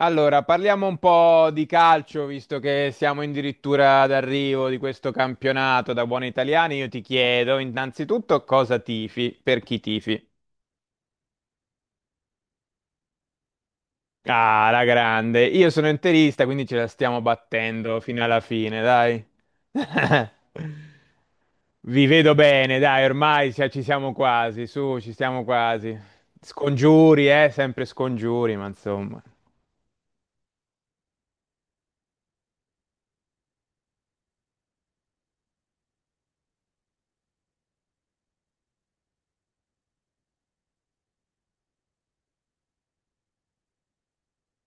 Allora, parliamo un po' di calcio, visto che siamo addirittura d'arrivo di questo campionato da buoni italiani. Io ti chiedo innanzitutto cosa tifi, per chi tifi. Ah, la grande. Io sono interista, quindi ce la stiamo battendo fino alla fine, dai. Vi vedo bene, dai, ormai ci siamo quasi, su, ci siamo quasi. Scongiuri, sempre scongiuri, ma insomma.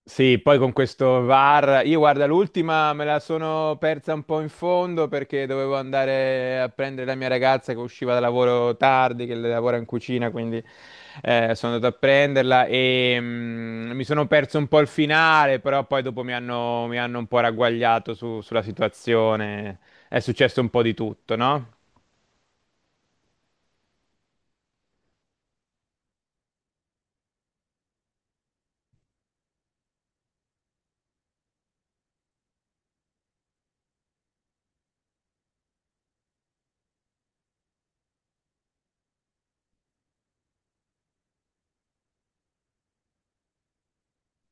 Sì, poi con questo VAR, io guarda, l'ultima me la sono persa un po' in fondo perché dovevo andare a prendere la mia ragazza che usciva da lavoro tardi, che lavora in cucina, quindi sono andato a prenderla e mi sono perso un po' il finale, però poi dopo mi hanno un po' ragguagliato sulla situazione, è successo un po' di tutto, no?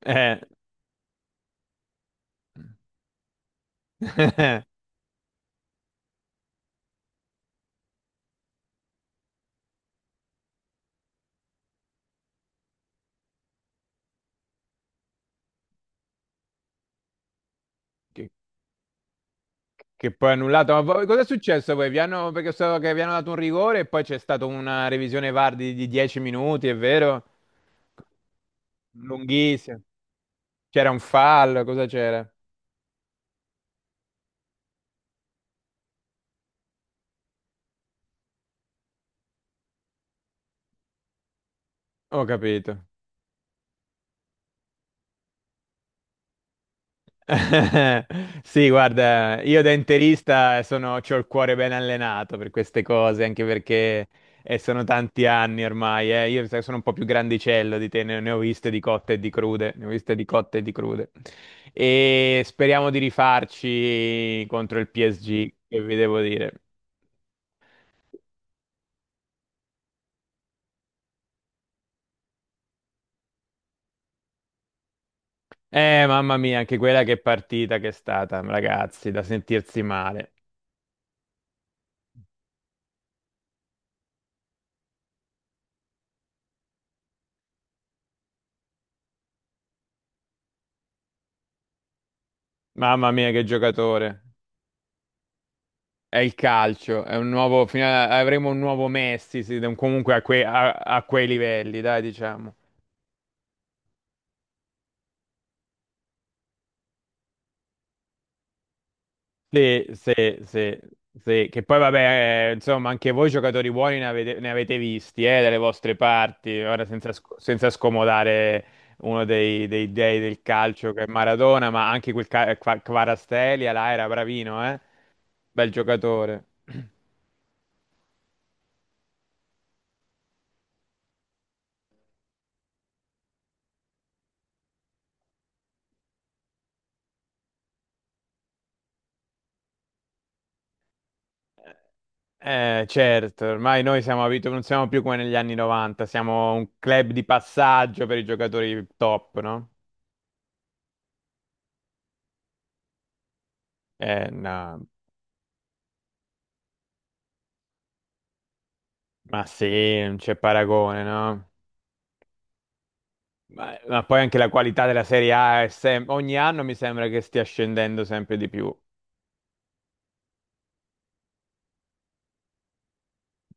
Eh. Che poi è annullato. Ma poi cosa è successo poi? Perché so che vi hanno dato un rigore e poi c'è stata una revisione VAR di 10 minuti, è vero? Lunghissima. C'era un fallo, cosa c'era? Ho capito. Sì, guarda, io da interista sono, c'ho il cuore ben allenato per queste cose, anche perché sono tanti anni ormai. Io sai, sono un po' più grandicello di te, ne ho viste di cotte e di crude, ne ho viste di cotte e di crude. E speriamo di rifarci contro il PSG, che vi devo dire. Mamma mia, anche quella che partita che è stata, ragazzi, da sentirsi male. Mamma mia, che giocatore. È il calcio, è un nuovo, avremo un nuovo Messi, sì, comunque a quei livelli, dai, diciamo. Sì, sì, sì, sì. Che poi vabbè, insomma, anche voi giocatori buoni ne avete visti, dalle vostre parti, ora senza, senza scomodare uno dei del calcio che è Maradona, ma anche Kvaratskhelia là era bravino, eh? Bel giocatore. Certo, ormai noi siamo abituati, non siamo più come negli anni 90, siamo un club di passaggio per i giocatori top, no? No, ma sì, non c'è paragone, no? Ma poi anche la qualità della Serie A è ogni anno mi sembra che stia scendendo sempre di più.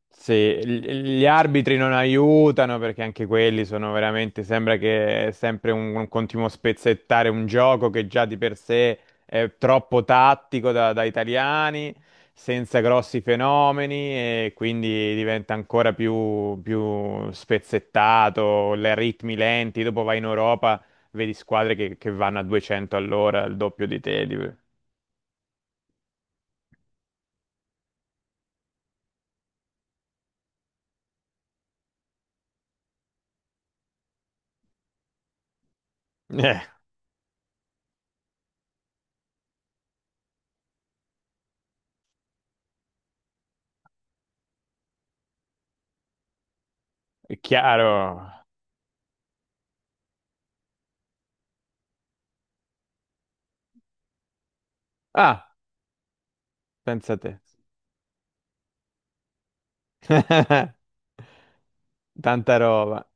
Sì, gli gli arbitri non aiutano perché anche quelli sono veramente, sembra che è sempre un continuo spezzettare un gioco che già di per sé è troppo tattico da italiani, senza grossi fenomeni e quindi diventa ancora più spezzettato, le ritmi lenti, dopo vai in Europa, vedi squadre che vanno a 200 all'ora, il doppio di te. Eh, è chiaro. Ah, pensa a te. Tanta roba.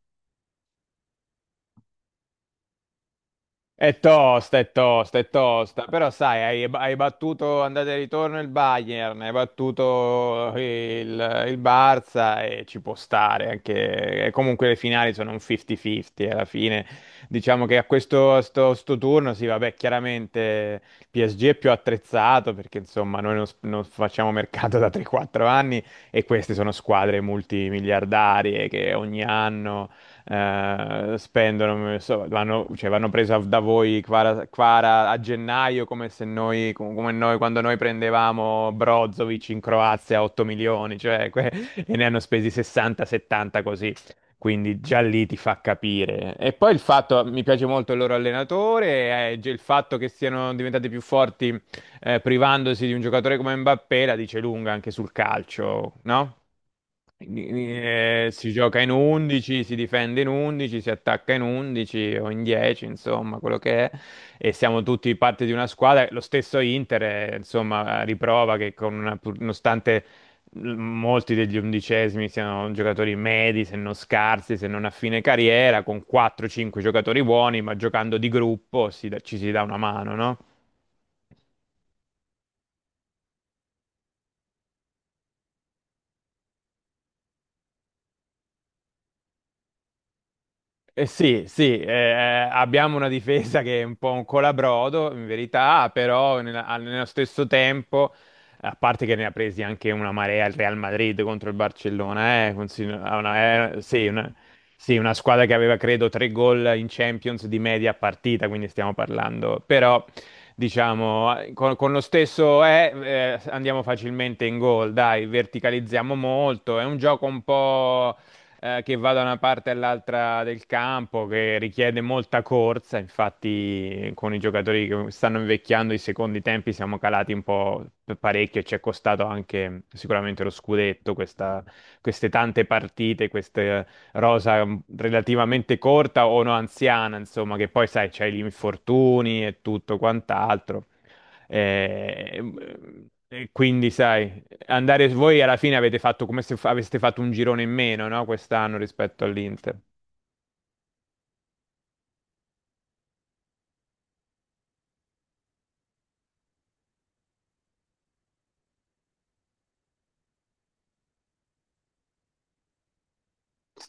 È tosta, è tosta, è tosta. Però sai, hai battuto andata e ritorno il Bayern, hai battuto il Barça e ci può stare anche. E comunque le finali sono un 50-50 alla fine. Diciamo che a sto turno, sì, vabbè, chiaramente il PSG è più attrezzato perché insomma noi non, s- non facciamo mercato da 3-4 anni e queste sono squadre multimiliardarie che ogni anno spendono, non so, vanno, cioè, vanno presa da voi Kvara a gennaio come se noi, come noi quando noi prendevamo Brozovic in Croazia a 8 milioni, cioè, e ne hanno spesi 60-70 così. Quindi già lì ti fa capire. E poi il fatto, mi piace molto il loro allenatore, il fatto che siano diventati più forti privandosi di un giocatore come Mbappé la dice lunga anche sul calcio, no? Si gioca in 11, si difende in 11, si attacca in 11 o in 10, insomma, quello che è. E siamo tutti parte di una squadra. Lo stesso Inter, insomma, riprova che con nonostante molti degli undicesimi siano giocatori medi, se non scarsi, se non a fine carriera, con 4-5 giocatori buoni, ma giocando di gruppo ci si dà una mano, no? Eh sì, sì, abbiamo una difesa che è un po' un colabrodo, in verità, però nello stesso tempo, a parte che ne ha presi anche una marea il Real Madrid contro il Barcellona, ha una, sì, una, sì, una squadra che aveva, credo, 3 gol in Champions di media a partita, quindi stiamo parlando, però, diciamo, con lo stesso andiamo facilmente in gol, dai, verticalizziamo molto, è un gioco un po' che va da una parte all'altra del campo, che richiede molta corsa. Infatti, con i giocatori che stanno invecchiando i secondi tempi siamo calati un po' parecchio e ci è costato anche sicuramente lo scudetto, queste tante partite, questa rosa relativamente corta o no anziana, insomma, che poi sai, c'hai gli infortuni e tutto quant'altro. Eh, e quindi, sai, andare voi alla fine avete fatto come se aveste fatto un girone in meno, no? Quest'anno rispetto all'Inter.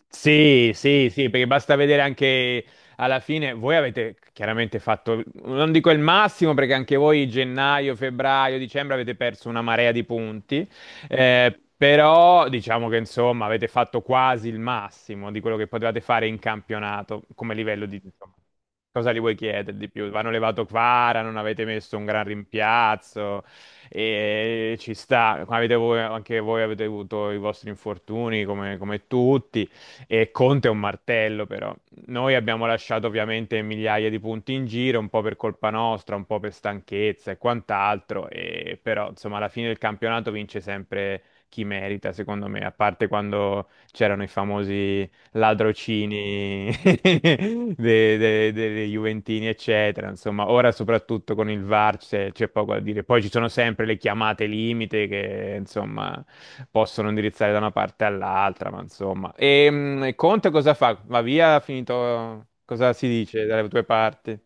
Sì, sì, sì, perché basta vedere anche alla fine, voi avete chiaramente fatto, non dico il massimo, perché anche voi gennaio, febbraio, dicembre avete perso una marea di punti, però diciamo che insomma avete fatto quasi il massimo di quello che potevate fare in campionato come livello di... insomma, cosa li vuoi chiedere di più? Vanno levato Kvara, non avete messo un gran rimpiazzo, e ci sta, anche voi avete avuto i vostri infortuni come tutti. E Conte è un martello, però. Noi abbiamo lasciato ovviamente migliaia di punti in giro, un po' per colpa nostra, un po' per stanchezza e quant'altro, e però insomma alla fine del campionato vince sempre chi merita, secondo me, a parte quando c'erano i famosi ladrocini dei Juventini, eccetera. Insomma, ora soprattutto con il VAR c'è poco da dire. Poi ci sono sempre le chiamate limite che, insomma, possono indirizzare da una parte all'altra, ma insomma. E Conte cosa fa? Va via, ha finito... Cosa si dice dalle tue parti?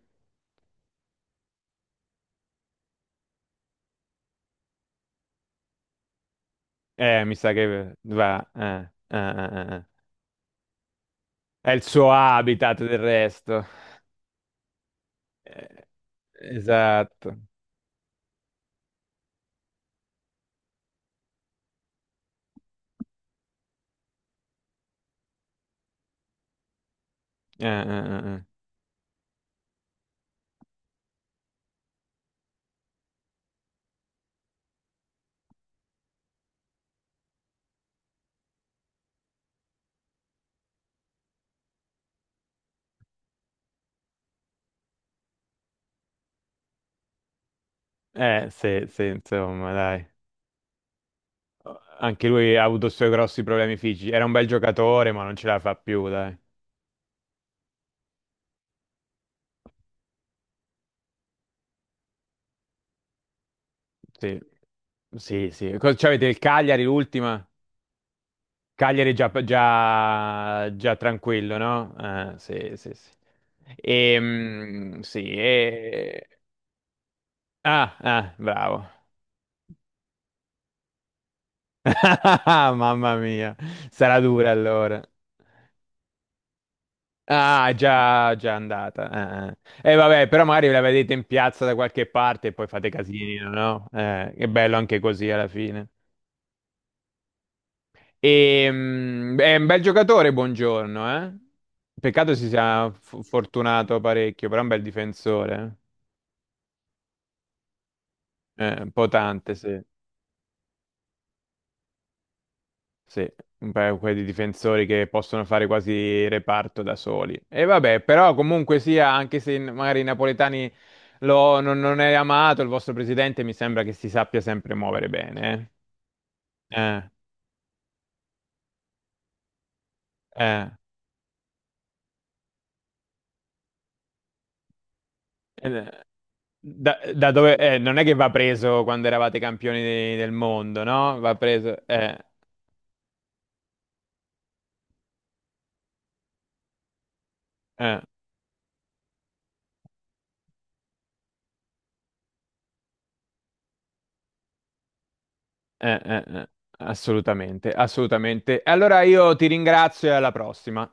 Mi sa che va... È il suo habitat del resto. Eh, esatto. Eh, eh, eh, sì, sì, insomma, dai. Anche lui ha avuto i suoi grossi problemi fisici. Era un bel giocatore, ma non ce la fa più, dai. Sì, sì, sì. Cosa- Cioè, avete il Cagliari, l'ultima? Cagliari è già, già, già tranquillo, no? Ah, sì, sì, sì. Sì, e... Ah, ah, bravo. Mamma mia, sarà dura allora. Ah, già, già andata. E vabbè, però magari ve la vedete in piazza da qualche parte e poi fate casino, no? È bello anche così alla fine. È un bel giocatore, buongiorno, eh? Peccato si sia fortunato parecchio, però è un bel difensore. Un po' tante, sì. Sì, un paio quelli di difensori che possono fare quasi reparto da soli. E vabbè, però comunque sia, anche se magari i napoletani non è amato, il vostro presidente mi sembra che si sappia sempre muovere bene. eh. Eh, eh. Eh, da dove, non è che va preso quando eravate campioni del mondo, no? Va preso... eh, eh, eh, eh. Assolutamente, assolutamente. E allora io ti ringrazio e alla prossima.